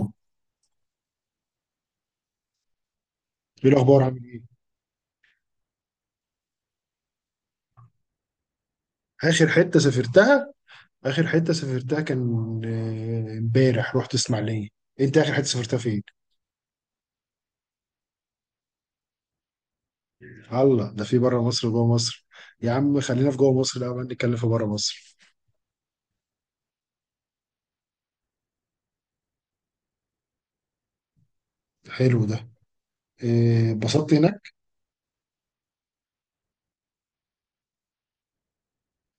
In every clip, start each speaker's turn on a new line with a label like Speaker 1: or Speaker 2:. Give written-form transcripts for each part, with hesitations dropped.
Speaker 1: ايه الاخبار؟ عامل ايه؟ اخر حته سافرتها. اخر حته سافرتها كان امبارح رحت اسماعيليه. انت اخر حته سافرتها فين؟ الله، ده في بره مصر وجوه مصر. يا عم خلينا في جوه مصر الاول، نتكلم في بره مصر. حلو ده. اتبسطت هناك؟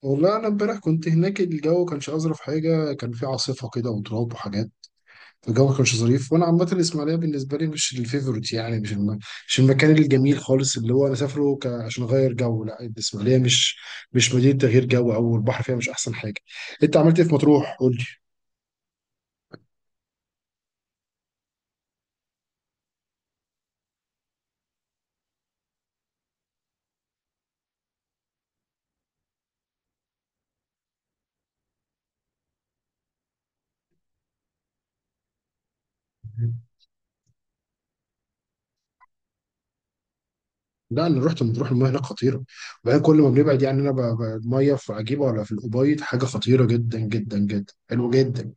Speaker 1: والله انا امبارح كنت هناك، الجو كانش اظرف حاجه، كان في عاصفه كده وتراب وحاجات. فالجو ما كانش ظريف، وانا عامه الاسماعيليه بالنسبه لي مش الفيفورت، يعني مش المكان الجميل خالص اللي هو انا سافره عشان اغير جو. لا، الاسماعيليه مش مدينه تغيير جو، او البحر فيها مش احسن حاجه. انت عملت ايه في مطروح؟ قول لي. لا انا رحت مطروح، المياه هناك خطيره. وبعدين كل ما بنبعد يعني المياه في عجيبه، ولا في الأبيض حاجه خطيره جدا جدا جدا، حلوه جدا.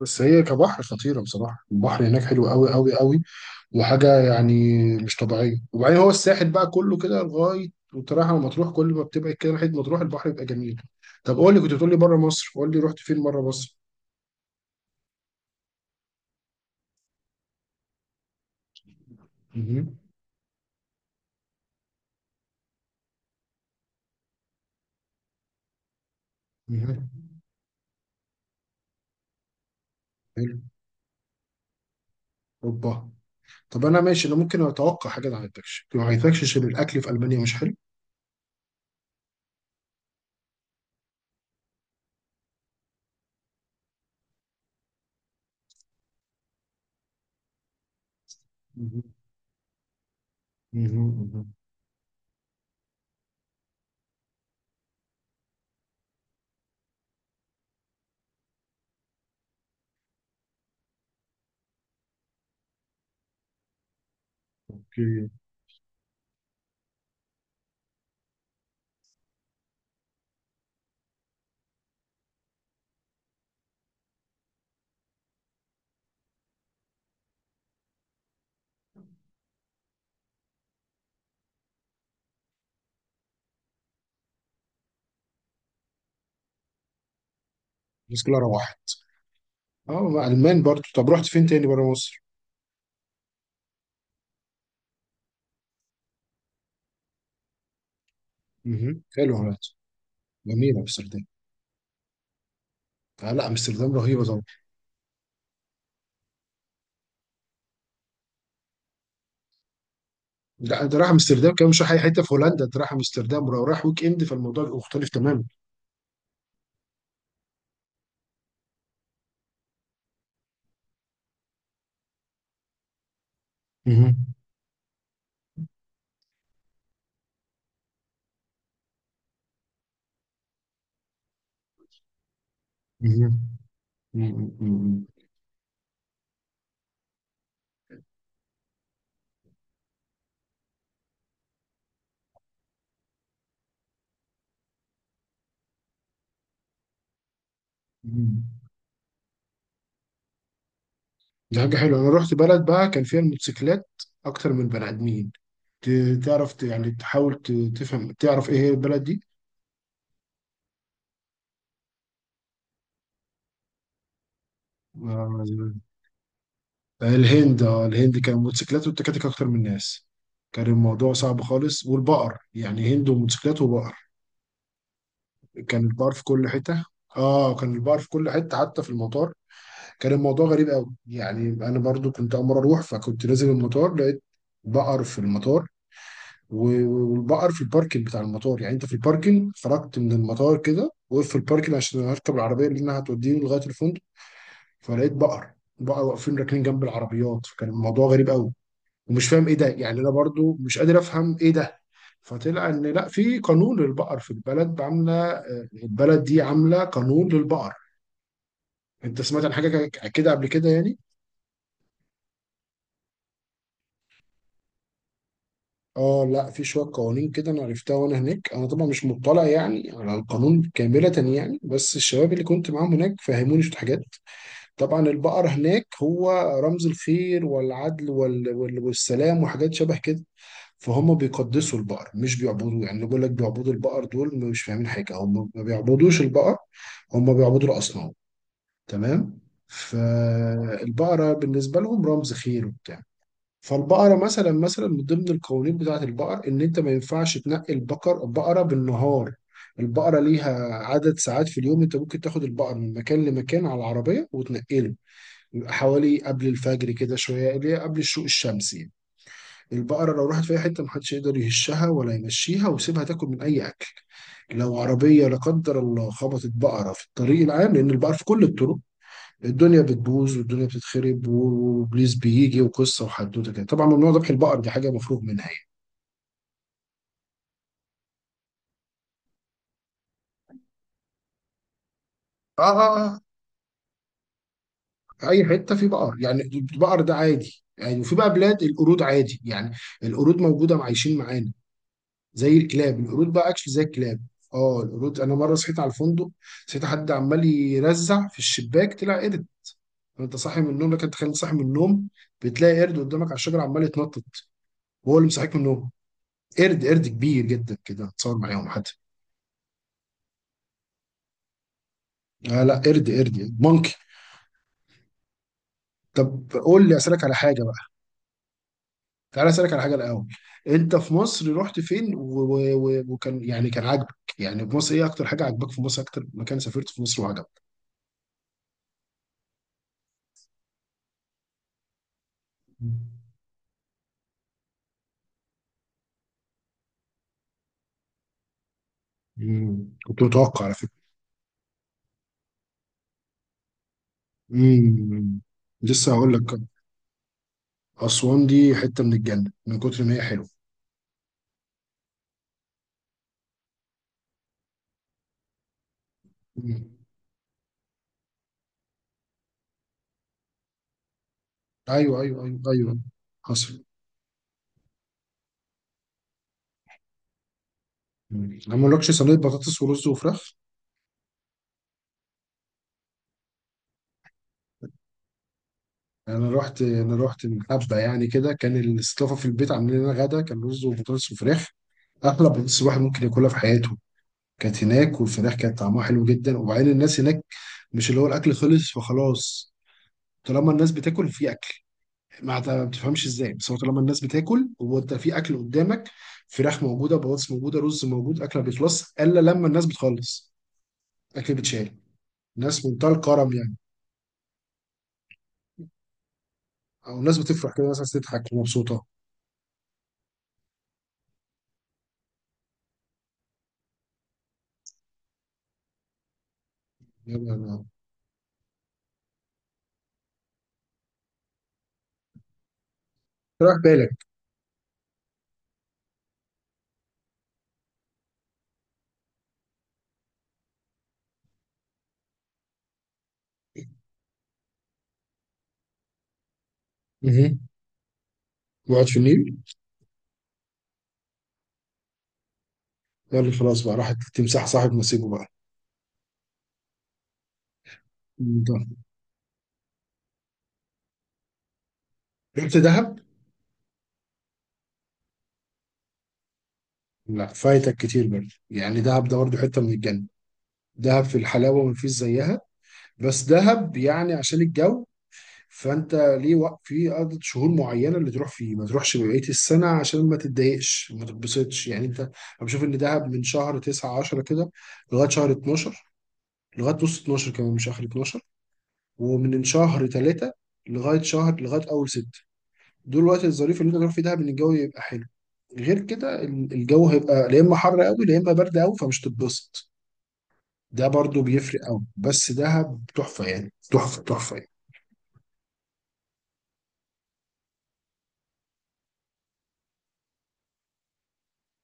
Speaker 1: بس هي كبحر خطيره بصراحه، البحر هناك حلو قوي قوي قوي وحاجة يعني مش طبيعية. وبعدين هو الساحل بقى كله كده لغاية وتراجع مطروح، كل ما بتبعد كده ناحية مطروح البحر بيبقى جميل. طب قول لي، كنت بتقول لي بره مصر، قول لي رحت فين بره مصر. مهم. مهم. حلو. اوروبا. طب انا ماشي، انا ممكن اتوقع حاجة ما عجبتكش عشان الاكل في المانيا مش حلو. مهم. مهم. مهم. اوكي. الناس كلها روحت. اه مع المان برضو. طب رحت فين تاني بره مصر؟ مهم. حلو هولندا، جميلة امستردام. آه لا، امستردام رهيبة. ده انت رايح امستردام كمان، مش رايح اي حته في هولندا، انت رايح امستردام، ولو رايح ويك اند فالموضوع بيبقى مختلف تماما. مهم. مهم. مم. مم. مم. دي حاجه حلوه، انا رحت بلد بقى كان فيها الموتوسيكلات اكتر من بني ادمين. تعرف يعني تحاول تفهم تعرف ايه هي البلد دي؟ آه، الهند. اه الهند كان الموتوسيكلات والتكاتك اكتر من الناس، كان الموضوع صعب خالص. والبقر يعني، هند وموتوسيكلات وبقر. كان البقر في كل حته. اه كان البقر في كل حته حتى في المطار، كان الموضوع غريب قوي. يعني انا برضو كنت امر اروح، فكنت نازل المطار لقيت بقر في المطار. و- والبقر في الباركنج بتاع المطار، يعني انت في الباركنج، خرجت من المطار كده وقف في الباركنج عشان هركب العربيه اللي انها هتوديني لغايه الفندق، فلقيت بقر. بقر واقفين راكنين جنب العربيات، فكان الموضوع غريب قوي ومش فاهم ايه ده. يعني انا برضو مش قادر افهم ايه ده. فطلع ان لا، في قانون للبقر في البلد. عامله البلد دي عامله قانون للبقر. انت سمعت عن حاجه كده قبل كده يعني؟ اه لا، في شويه قوانين كده انا عرفتها وانا هناك. انا طبعا مش مطلع يعني على القانون كامله يعني، بس الشباب اللي كنت معاهم هناك فهموني شويه حاجات. طبعا البقر هناك هو رمز الخير والعدل والسلام وحاجات شبه كده. فهم بيقدسوا البقر مش بيعبدوه. يعني بيقول لك بيعبدوا البقر، دول مش فاهمين حاجه، هم ما بيعبدوش البقر، هم بيعبدوا الاصنام. تمام. فالبقرة بالنسبة لهم رمز خير وبتاع. فالبقرة مثلا، مثلا من ضمن القوانين بتاعة البقر إن أنت ما ينفعش تنقي البقر، بقرة بالنهار البقرة ليها عدد ساعات في اليوم أنت ممكن تاخد البقر من مكان لمكان على العربية وتنقله، يبقى حوالي قبل الفجر كده شوية، اللي هي قبل الشروق الشمسي يعني. البقرة لو راحت في أي حتة محدش يقدر يهشها ولا يمشيها، ويسيبها تاكل من أي أكل. لو عربية لا قدر الله خبطت بقرة في الطريق العام، لأن البقر في كل الطرق، الدنيا بتبوظ والدنيا بتتخرب، وبليز بيجي وقصه وحدوته كده. طبعا ممنوع ذبح البقر، دي حاجه مفروغ منها يعني. اه اه. آه. اي حته في بقر يعني، البقر ده عادي يعني، وفي بقى بلاد القرود عادي يعني، القرود موجوده عايشين معانا زي الكلاب. القرود بقى اكشلي زي الكلاب. اه القرود، انا مره صحيت على الفندق، صحيت حد عمال يرزع في الشباك، طلع قرد. وانت صاحي من النوم لك، انت خليت صاحي من النوم، بتلاقي قرد قدامك على الشجره عمال يتنطط وهو اللي مصحيك من النوم. قرد كبير جدا كده، اتصور معاهم حد. آه لا، قرد مونكي. طب قول لي، اسالك على حاجه بقى. تعالى اسالك على حاجه الاول. انت في مصر رحت فين وكان يعني كان عاجبك يعني في مصر، ايه اكتر حاجه عجبك في مصر، اكتر مكان سافرت في مصر وعجبك؟ مم. كنت متوقع على فكره. مم. لسه هقول لك. اسوان دي حته من الجنه من كتر ما هي حلوه. مم. ايوه ايوه ايوه ايوه. حصل. مم. انا ما اقولكش صينيه بطاطس ورز وفراخ. انا رحت من حبه يعني كده، كان الاستضافه في البيت عاملين لنا غدا، كان رز وبطاطس وفراخ، احلى بطاطس الواحد ممكن ياكلها في حياته كانت هناك، والفراخ كانت طعمها حلو جدا. وبعدين الناس هناك مش اللي هو الاكل خلص فخلاص، طالما الناس بتاكل في اكل، ما بتفهمش ازاي، بس هو طالما الناس بتاكل، هو انت في اكل قدامك، فراخ موجوده بطاطس موجوده رز موجود، اكل ما بيخلص الا لما الناس بتخلص، اكل بتشال. ناس منتهى الكرم يعني، او ناس بتفرح كده، ناس عايزة تضحك ومبسوطه. يلا. راح بالك. مهم. وقعت في النيل؟ يلا خلاص بقى، راحت تمسح صاحب نصيبه بقى. منطقة. رحت دهب؟ لا فايتك كتير برضه يعني، دهب ده برضه حته من الجنه، دهب في الحلاوه مفيش زيها. بس دهب يعني عشان الجو، فانت ليه وقت في عدد شهور معينه اللي تروح فيه، ما تروحش بقيه السنه عشان ما تتضايقش ما تتبسطش يعني. انت انا بشوف ان دهب من شهر 9 10 كده لغايه شهر 12، لغايه نص 12 كمان مش اخر 12، ومن شهر 3 لغايه شهر، لغايه اول 6. دول الوقت الظريف اللي انت تروح فيه دهب ان الجو يبقى حلو. غير كده الجو هيبقى لا اما حر قوي لا اما برد قوي، فمش تتبسط. ده برضو بيفرق قوي. بس دهب تحفه يعني، تحفه تحفه.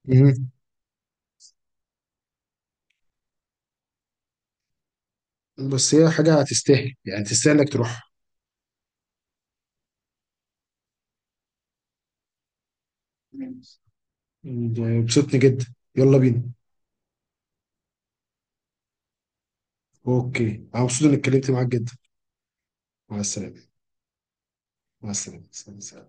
Speaker 1: يعني مم. بس هي حاجه هتستاهل يعني، تستاهل انك تروح. ده بسطني جدا، يلا بينا. اوكي انا مبسوط اني اتكلمت معاك جدا. مع السلامه. مع السلامه.